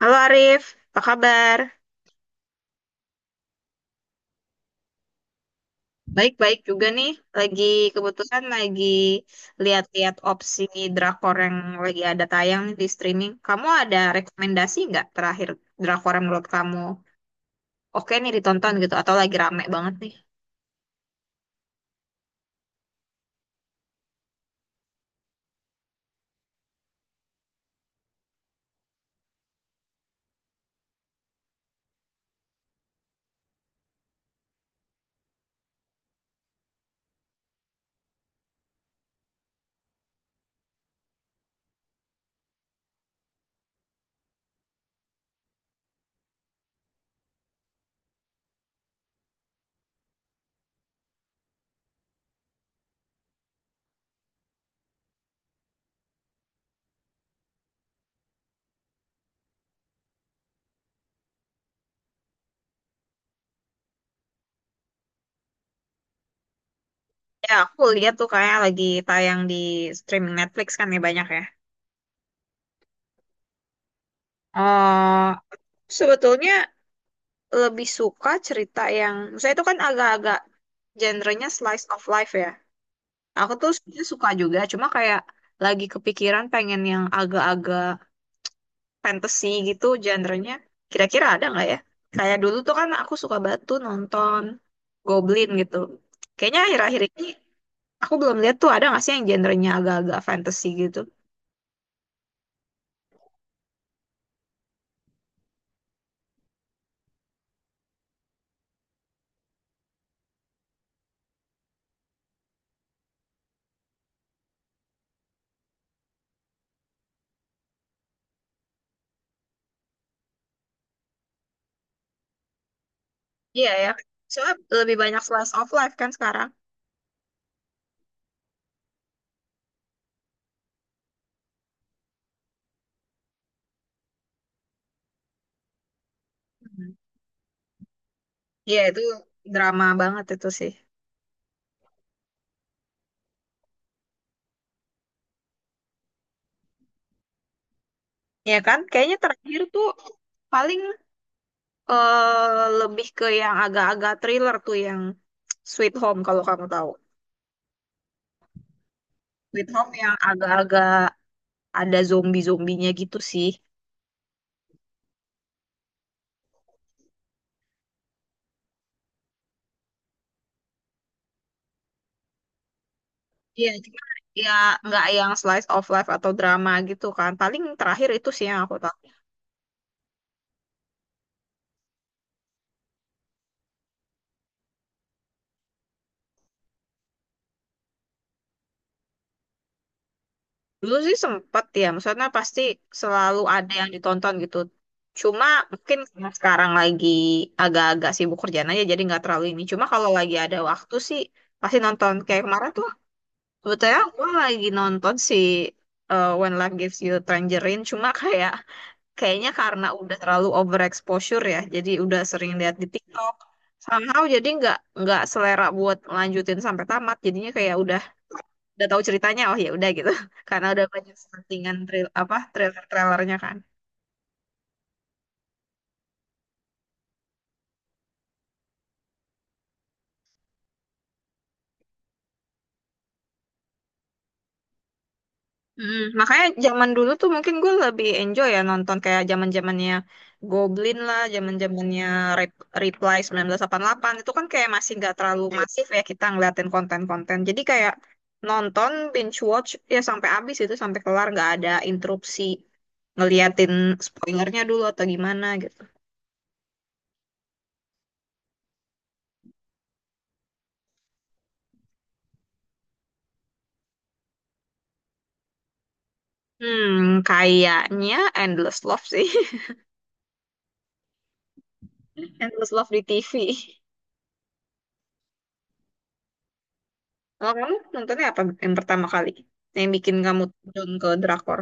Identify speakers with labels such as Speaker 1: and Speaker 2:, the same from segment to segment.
Speaker 1: Halo Arif, apa kabar? Baik-baik juga nih. Lagi kebetulan lagi lihat-lihat opsi drakor yang lagi ada tayang nih di streaming. Kamu ada rekomendasi nggak terakhir drakor yang menurut kamu oke nih ditonton gitu atau lagi rame banget nih? Ya aku lihat tuh kayak lagi tayang di streaming Netflix kan ya banyak ya. Eh Sebetulnya lebih suka cerita yang, saya itu kan agak-agak genrenya slice of life ya. Aku tuh sebenarnya suka juga, cuma kayak lagi kepikiran pengen yang agak-agak fantasy gitu genrenya. Kira-kira ada nggak ya? Kayak dulu tuh kan aku suka banget tuh nonton Goblin gitu. Kayaknya akhir-akhir ini aku belum lihat tuh ada nggak sih yang genrenya agak-agak fantasy gitu. Iya ya. Soalnya lebih banyak slice of life kan sekarang. Hmm. Iya itu drama banget itu sih. Iya kan? Kayaknya terakhir tuh paling lebih ke yang agak-agak thriller tuh yang Sweet Home kalau kamu tahu. Sweet Home yang agak-agak ada zombie-zombinya gitu sih. Iya, cuma ya nggak yang slice of life atau drama gitu kan. Paling terakhir itu sih yang aku tahu. Dulu sih sempet ya, maksudnya pasti selalu ada yang ditonton gitu. Cuma mungkin karena sekarang lagi agak-agak sibuk kerjaan aja jadi nggak terlalu ini. Cuma kalau lagi ada waktu sih pasti nonton. Kayak kemarin tuh sebetulnya aku lagi nonton si When Life Gives You Tangerine, cuma kayak kayaknya karena udah terlalu overexposure ya, jadi udah sering lihat di TikTok. Somehow jadi nggak selera buat lanjutin sampai tamat, jadinya kayak udah tahu ceritanya, oh ya udah gitu, karena udah banyak settingan trail apa trailer-trailernya kan. Mm, makanya zaman dulu tuh mungkin gue lebih enjoy ya nonton kayak zaman zamannya Goblin lah, zaman zamannya Reply 1988 itu kan kayak masih nggak terlalu iya masif ya kita ngeliatin konten-konten. Jadi kayak nonton binge watch ya sampai habis itu sampai kelar nggak ada interupsi ngeliatin spoilernya dulu atau gimana gitu. Hmm, kayaknya Endless Love sih, Endless Love di TV. Kalau kamu nontonnya apa yang pertama kali yang bikin kamu turun ke drakor?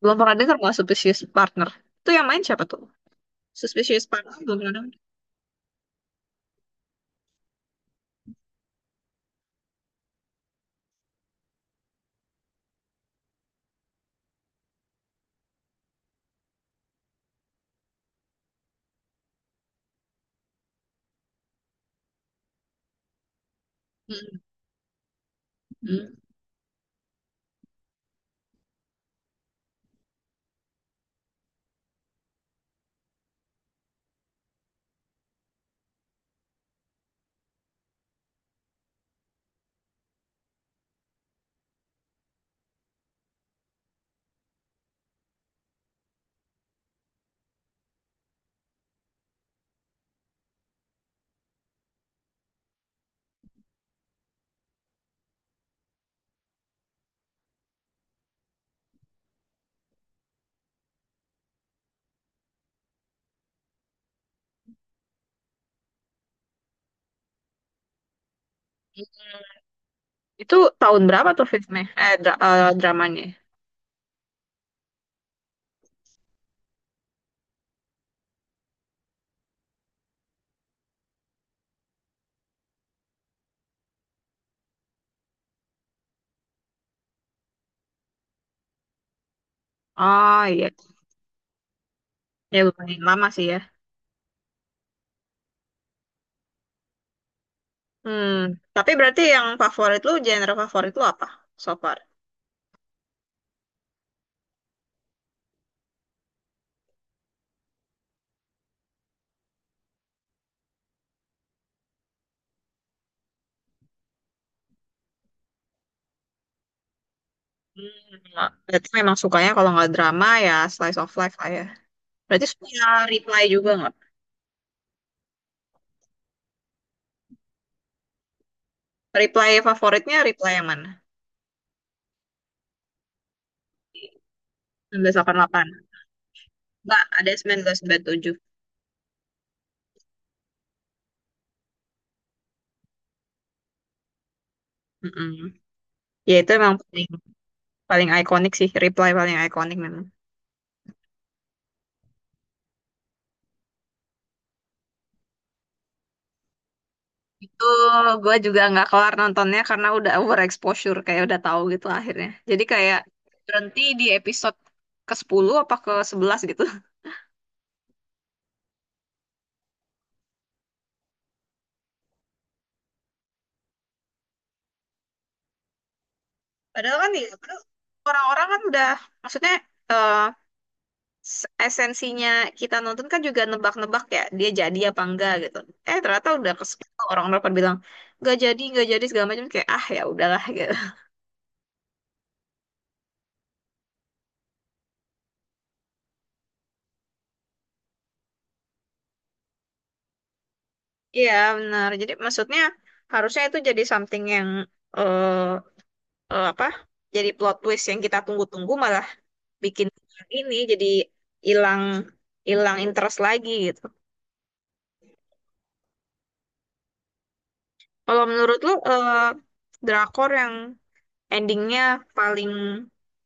Speaker 1: Belum pernah dengar malah Suspicious Partner. Itu yang main siapa tuh? Suspicious Partner belum pernah dengar. Mm-mm. Itu tahun berapa tuh filmnya? Dramanya. Oh iya. Ya lumayan lama sih ya. Hmm. Tapi berarti yang favorit lu, genre favorit lu apa so far? Hmm. Berarti memang sukanya kalau nggak drama ya slice of life lah ya. Berarti suka reply juga nggak? Reply favoritnya reply yang mana? 1988. Nggak, ada 1997. Mm-mm. Ya itu emang paling paling ikonik sih, Reply paling ikonik memang. Itu gue juga nggak kelar nontonnya karena udah overexposure kayak udah tahu gitu akhirnya. Jadi kayak berhenti di episode ke-10 apa ke-11 gitu. Padahal kan ya, padahal orang-orang kan udah, maksudnya eh, esensinya kita nonton kan juga nebak-nebak ya, dia jadi apa enggak gitu. Eh ternyata udah kesel orang-orang pada bilang nggak jadi segala macam kayak ah ya udahlah gitu. Iya, benar. Jadi maksudnya harusnya itu jadi something yang eh apa? Jadi plot twist yang kita tunggu-tunggu malah bikin ini jadi hilang hilang interest lagi gitu. Kalau menurut lu drakor yang endingnya paling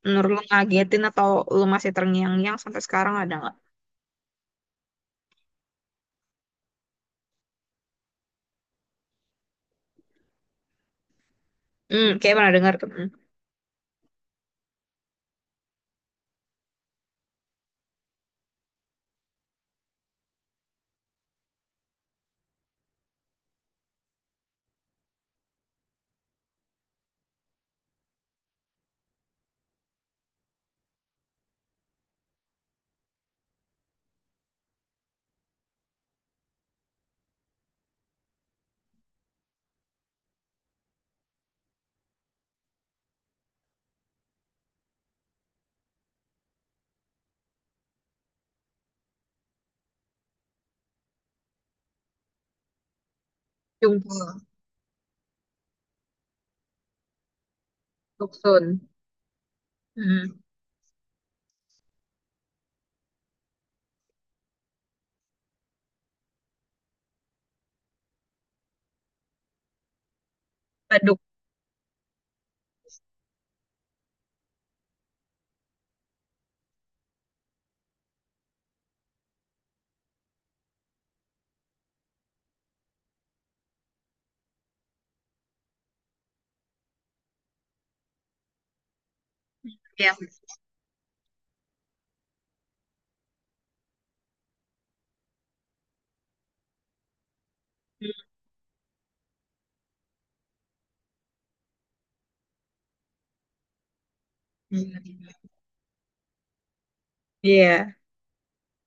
Speaker 1: menurut lu ngagetin atau lu masih terngiang-ngiang sampai sekarang ada nggak? Hmm, kayak pernah dengar tuh. Hmm. Jungkook, Doksun, hmm. Baduk, ya. Hmm. Iya.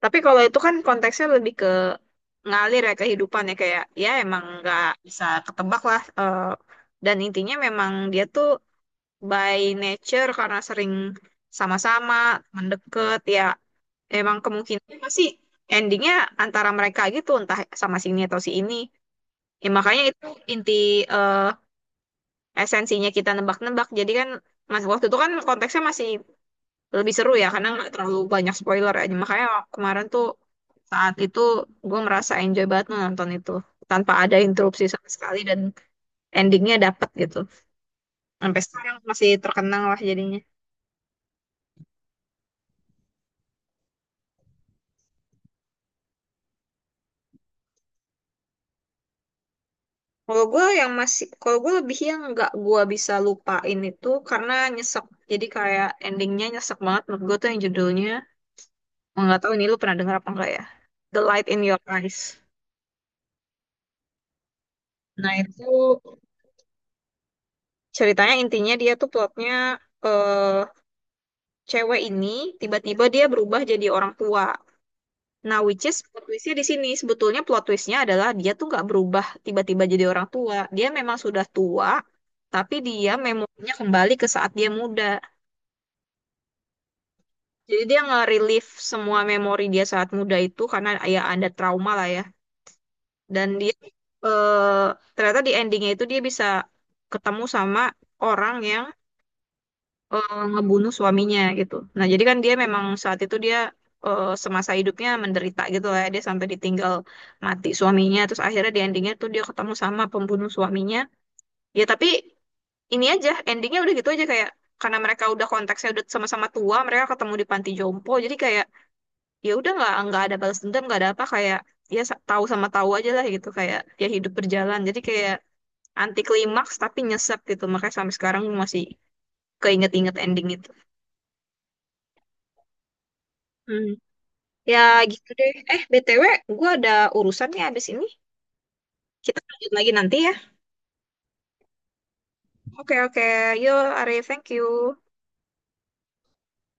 Speaker 1: Tapi kalau itu kan konteksnya lebih ke ngalir ya kehidupan ya kayak ya emang nggak bisa ketebak lah eh, dan intinya memang dia tuh by nature karena sering sama-sama mendekat ya emang kemungkinan pasti endingnya antara mereka gitu entah sama sini atau si ini ya makanya itu inti eh, esensinya kita nebak-nebak jadi kan mas waktu itu kan konteksnya masih lebih seru ya karena nggak terlalu banyak spoiler ya makanya kemarin tuh saat itu gue merasa enjoy banget nonton itu tanpa ada interupsi sama sekali dan endingnya dapet gitu. Sampai sekarang masih terkenang lah jadinya. Kalau gue yang masih, kalau gue lebih yang nggak gue bisa lupain itu karena nyesek. Jadi kayak endingnya nyesek banget menurut gue tuh yang judulnya nggak tahu ini lu pernah dengar apa enggak ya, The Light in Your Eyes. Nah itu ceritanya intinya dia tuh plotnya eh cewek ini tiba-tiba dia berubah jadi orang tua. Nah, which is plot twist-nya di sini sebetulnya plot twist-nya adalah dia tuh nggak berubah tiba-tiba jadi orang tua. Dia memang sudah tua, tapi dia memorinya kembali ke saat dia muda. Jadi dia nge-relive semua memori dia saat muda itu karena ya ada trauma lah ya. Dan dia eh, ternyata di endingnya itu dia bisa ketemu sama orang yang ngebunuh suaminya gitu. Nah, jadi kan dia memang saat itu dia semasa hidupnya menderita gitu lah ya. Dia sampai ditinggal mati suaminya. Terus akhirnya di endingnya tuh dia ketemu sama pembunuh suaminya. Ya tapi ini aja endingnya udah gitu aja kayak karena mereka udah konteksnya udah sama-sama tua, mereka ketemu di panti jompo. Jadi kayak ya udah nggak ada balas dendam, nggak ada apa kayak ya tahu sama tahu aja lah gitu kayak ya hidup berjalan. Jadi kayak anti klimaks tapi nyesek gitu. Makanya sampai sekarang masih keinget-inget ending itu. Ya gitu deh. Eh, BTW, gue ada urusan nih abis ini. Kita lanjut lagi nanti ya. Oke, oke. Yo, Arif, thank you.